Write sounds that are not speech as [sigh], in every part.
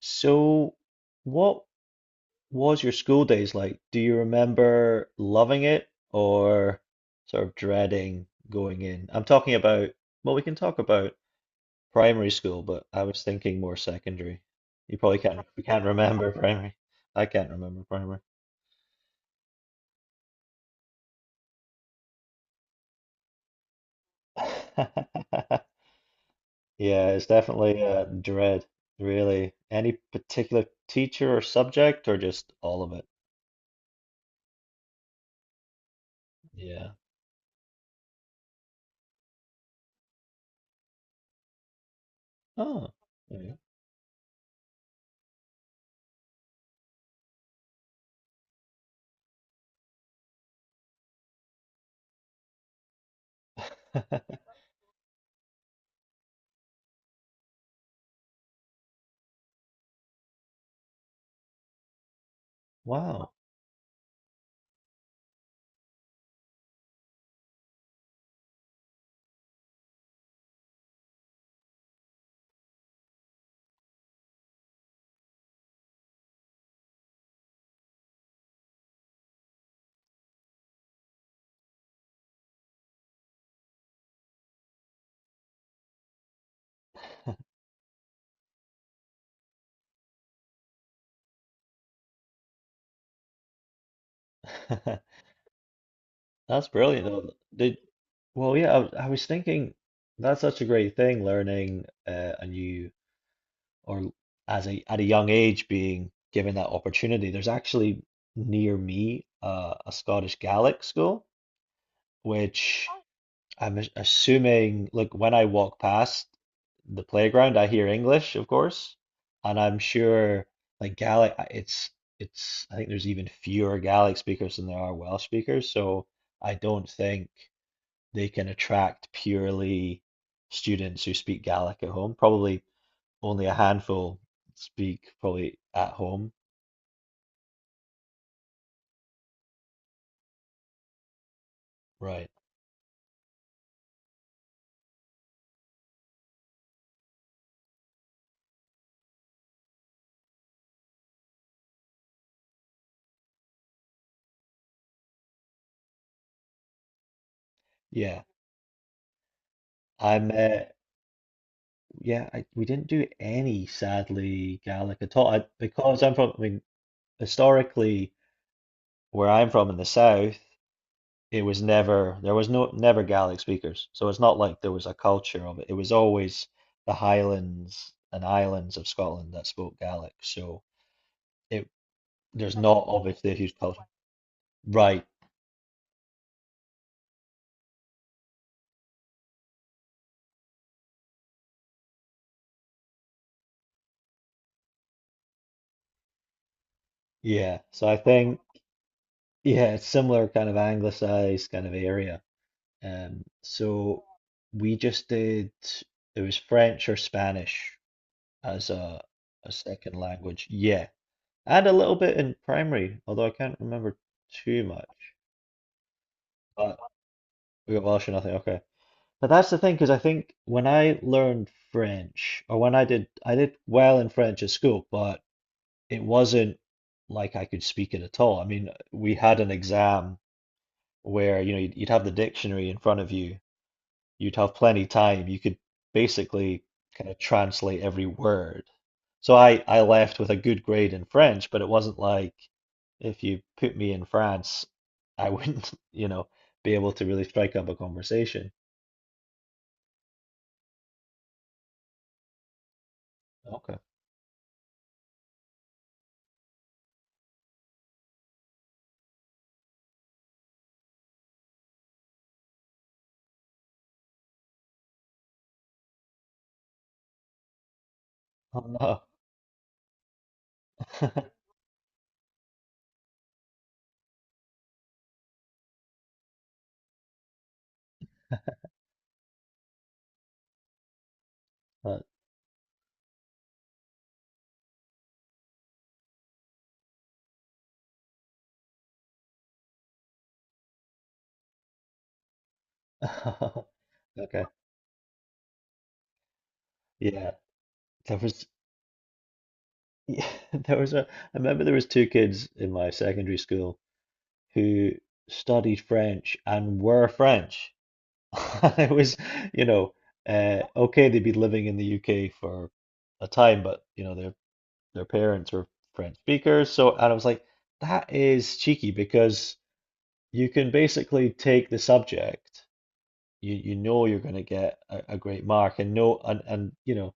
So, what was your school days like? Do you remember loving it or sort of dreading going in? I'm talking about, well, we can talk about primary school, but I was thinking more secondary. You probably can't, we can't remember [laughs] primary. I can't remember primary. [laughs] Yeah, it's definitely dread, really. Any particular teacher or subject, or just all of it? Yeah. Oh, yeah. [laughs] Wow. [laughs] That's brilliant. Oh, though. Did well, yeah. I was thinking that's such a great thing, learning a new or as a at a young age being given that opportunity. There's actually near me a Scottish Gaelic school, which oh, I'm assuming. Like when I walk past the playground, I hear English, of course, and I'm sure like Gaelic. It's I think there's even fewer Gaelic speakers than there are Welsh speakers. So I don't think they can attract purely students who speak Gaelic at home. Probably only a handful speak probably at home. Right. Yeah. I'm yeah, we didn't do any sadly Gaelic at all. Because I'm from I mean historically where I'm from in the south, it was never there was no never Gaelic speakers. So it's not like there was a culture of it. It was always the Highlands and Islands of Scotland that spoke Gaelic. So it there's not obviously a huge culture. Right. Yeah. So I think, yeah, it's similar kind of anglicized kind of area. So we just did, it was French or Spanish as a second language. Yeah. And a little bit in primary, although I can't remember too much. But we got Welsh or nothing. Okay. But that's the thing, because I think when I learned French, or when I did well in French at school, but it wasn't like I could speak it at all. I mean, we had an exam where you know you'd have the dictionary in front of you you'd have plenty time you could basically kind of translate every word so I left with a good grade in French but it wasn't like if you put me in France I wouldn't [laughs] you know be able to really strike up a conversation. Okay. Oh no. [laughs] But- [laughs] okay. Yeah, there was yeah, [laughs] there was a I remember there was two kids in my secondary school who studied French and were French. [laughs] It was, you know, okay, they would be living in the UK for a time, but you know, their parents are French speakers. So, and I was like, that is cheeky because you can basically take the subject, you know, you're going to get a great mark, and no, and you know,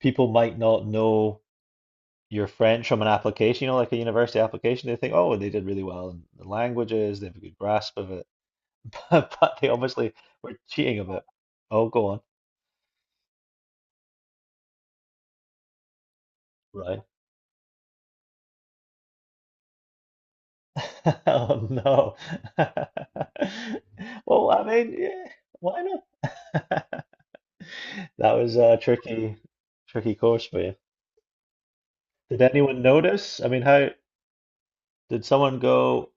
people might not know your French from an application, you know, like a university application. They think, oh, they did really well in the languages, they have a good grasp of it, [laughs] but they obviously were cheating a bit. Oh, go on. Right. [laughs] Oh no. [laughs] Well, I mean, yeah, why not? [laughs] That was tricky course for you. Did anyone notice? I mean, how did someone go?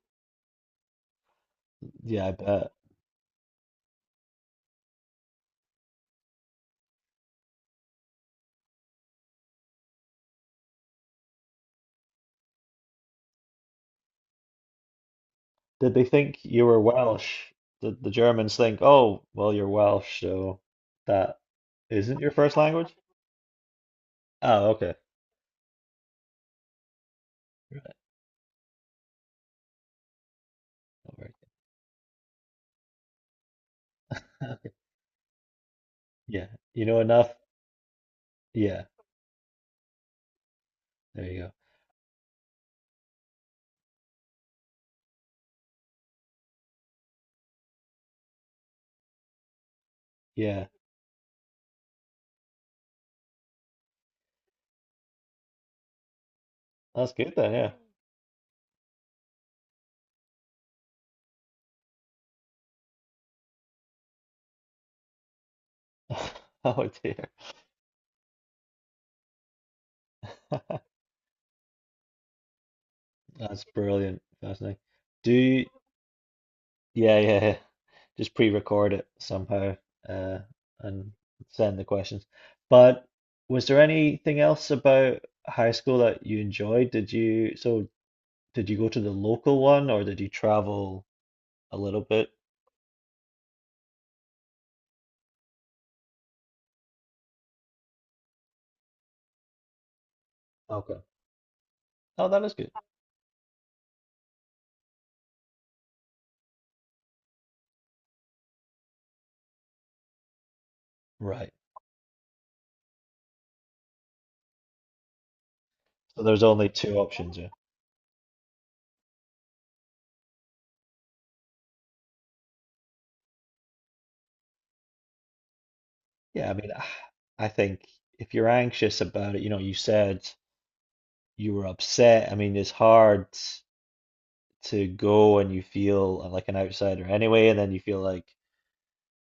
Yeah, I bet. Did they think you were Welsh? Did the Germans think, oh, well, you're Welsh, so that isn't your first language? Oh, okay. All right. [laughs] Yeah, you know enough. Yeah, there you go. Yeah, that's good then. Yeah. [laughs] Oh dear. [laughs] That's brilliant. Fascinating. Do you, yeah, yeah, yeah. Just pre-record it somehow, uh, and send the questions. But was there anything else about high school that you enjoyed? Did you, so did you go to the local one or did you travel a little bit? Okay. Oh, that is good. Right. So there's only two options, yeah. Yeah, I mean, I think if you're anxious about it, you know, you said you were upset. I mean, it's hard to go and you feel like an outsider anyway, and then you feel like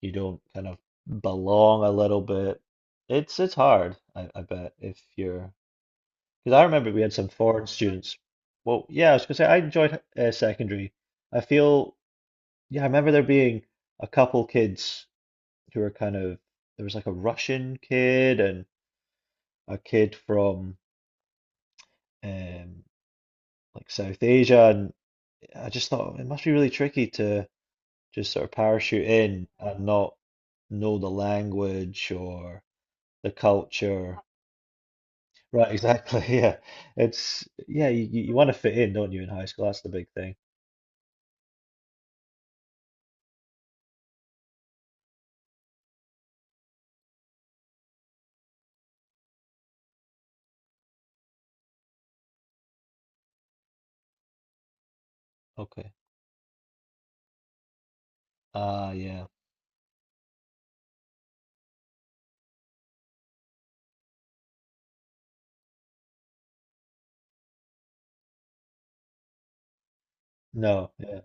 you don't kind of belong a little bit. It's hard, I bet, if you're because I remember we had some foreign students. Well, yeah, I was gonna say I enjoyed secondary. I feel yeah, I remember there being a couple kids who were kind of there was like a Russian kid and a kid from um like South Asia, and I just thought it must be really tricky to just sort of parachute in and not know the language or the culture. Right, exactly. [laughs] Yeah. It's yeah, you want to fit in, don't you, in high school? That's the big thing. Okay. Ah, yeah. No, yeah.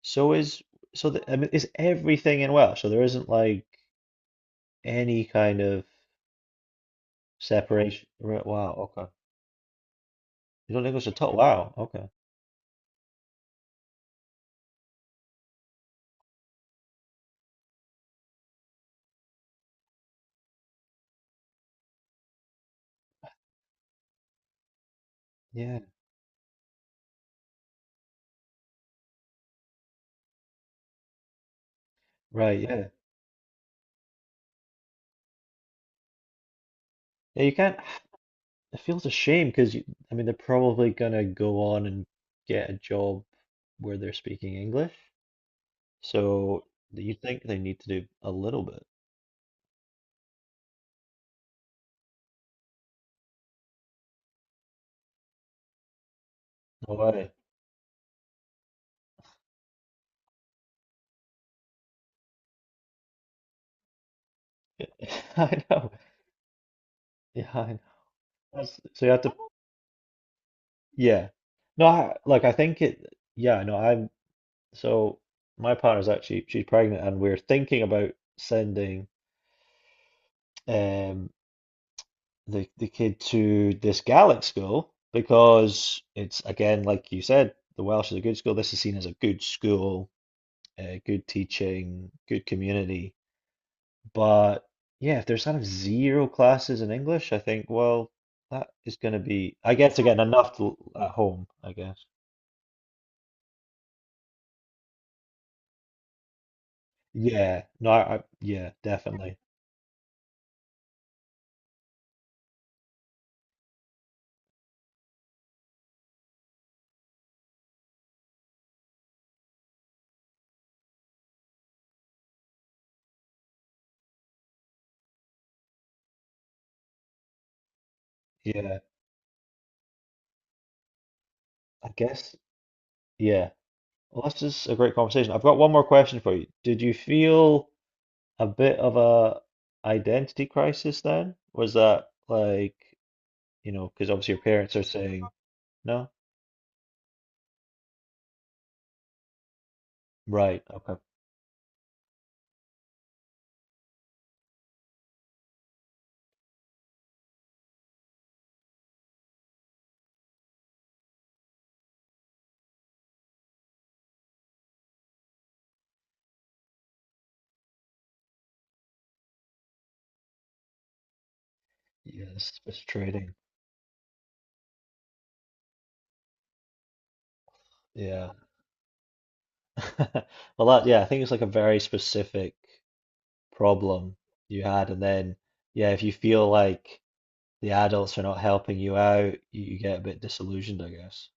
So is so the, I mean, is everything in Welsh? So there isn't like any kind of separation. Right, wow, okay. You don't English at all? Wow, okay. Yeah, right, yeah. Yeah, you can't. It feels a shame because you, I mean, they're probably gonna go on and get a job where they're speaking English. So you think they need to do a little bit. No way. [laughs] I know. Yeah, I know. That's, so you have to, yeah. No, like I think it, yeah, no, I'm, so my partner's actually, she's pregnant and we're thinking about sending, um, the kid to this Gaelic school because it's again like you said, the Welsh is a good school. This is seen as a good school, good teaching, good community. But yeah, if there's kind of zero classes in English, I think well that is going to be I guess again enough to, at home, I guess. Yeah, no, I yeah, definitely. Yeah, I guess yeah. Well, this is a great conversation. I've got one more question for you. Did you feel a bit of a identity crisis then? Was that like, you know, because obviously your parents are saying, no? Right, okay. Yes, frustrating. Yeah. [laughs] Well, that, yeah, I think it's like a very specific problem you had. And then, yeah, if you feel like the adults are not helping you out, you get a bit disillusioned, I guess.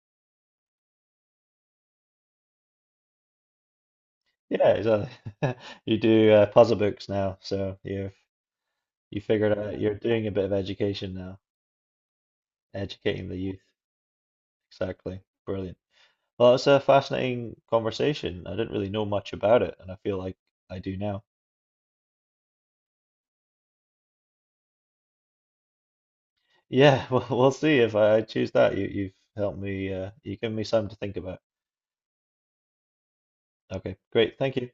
Yeah, exactly. [laughs] You do puzzle books now, so you've you figured out you're doing a bit of education now, educating the youth. Exactly. Brilliant. Well, it's a fascinating conversation. I didn't really know much about it, and I feel like I do now. Yeah, [laughs] well, we'll see if I choose that. You've helped me, you've given me something to think about. Okay, great. Thank you.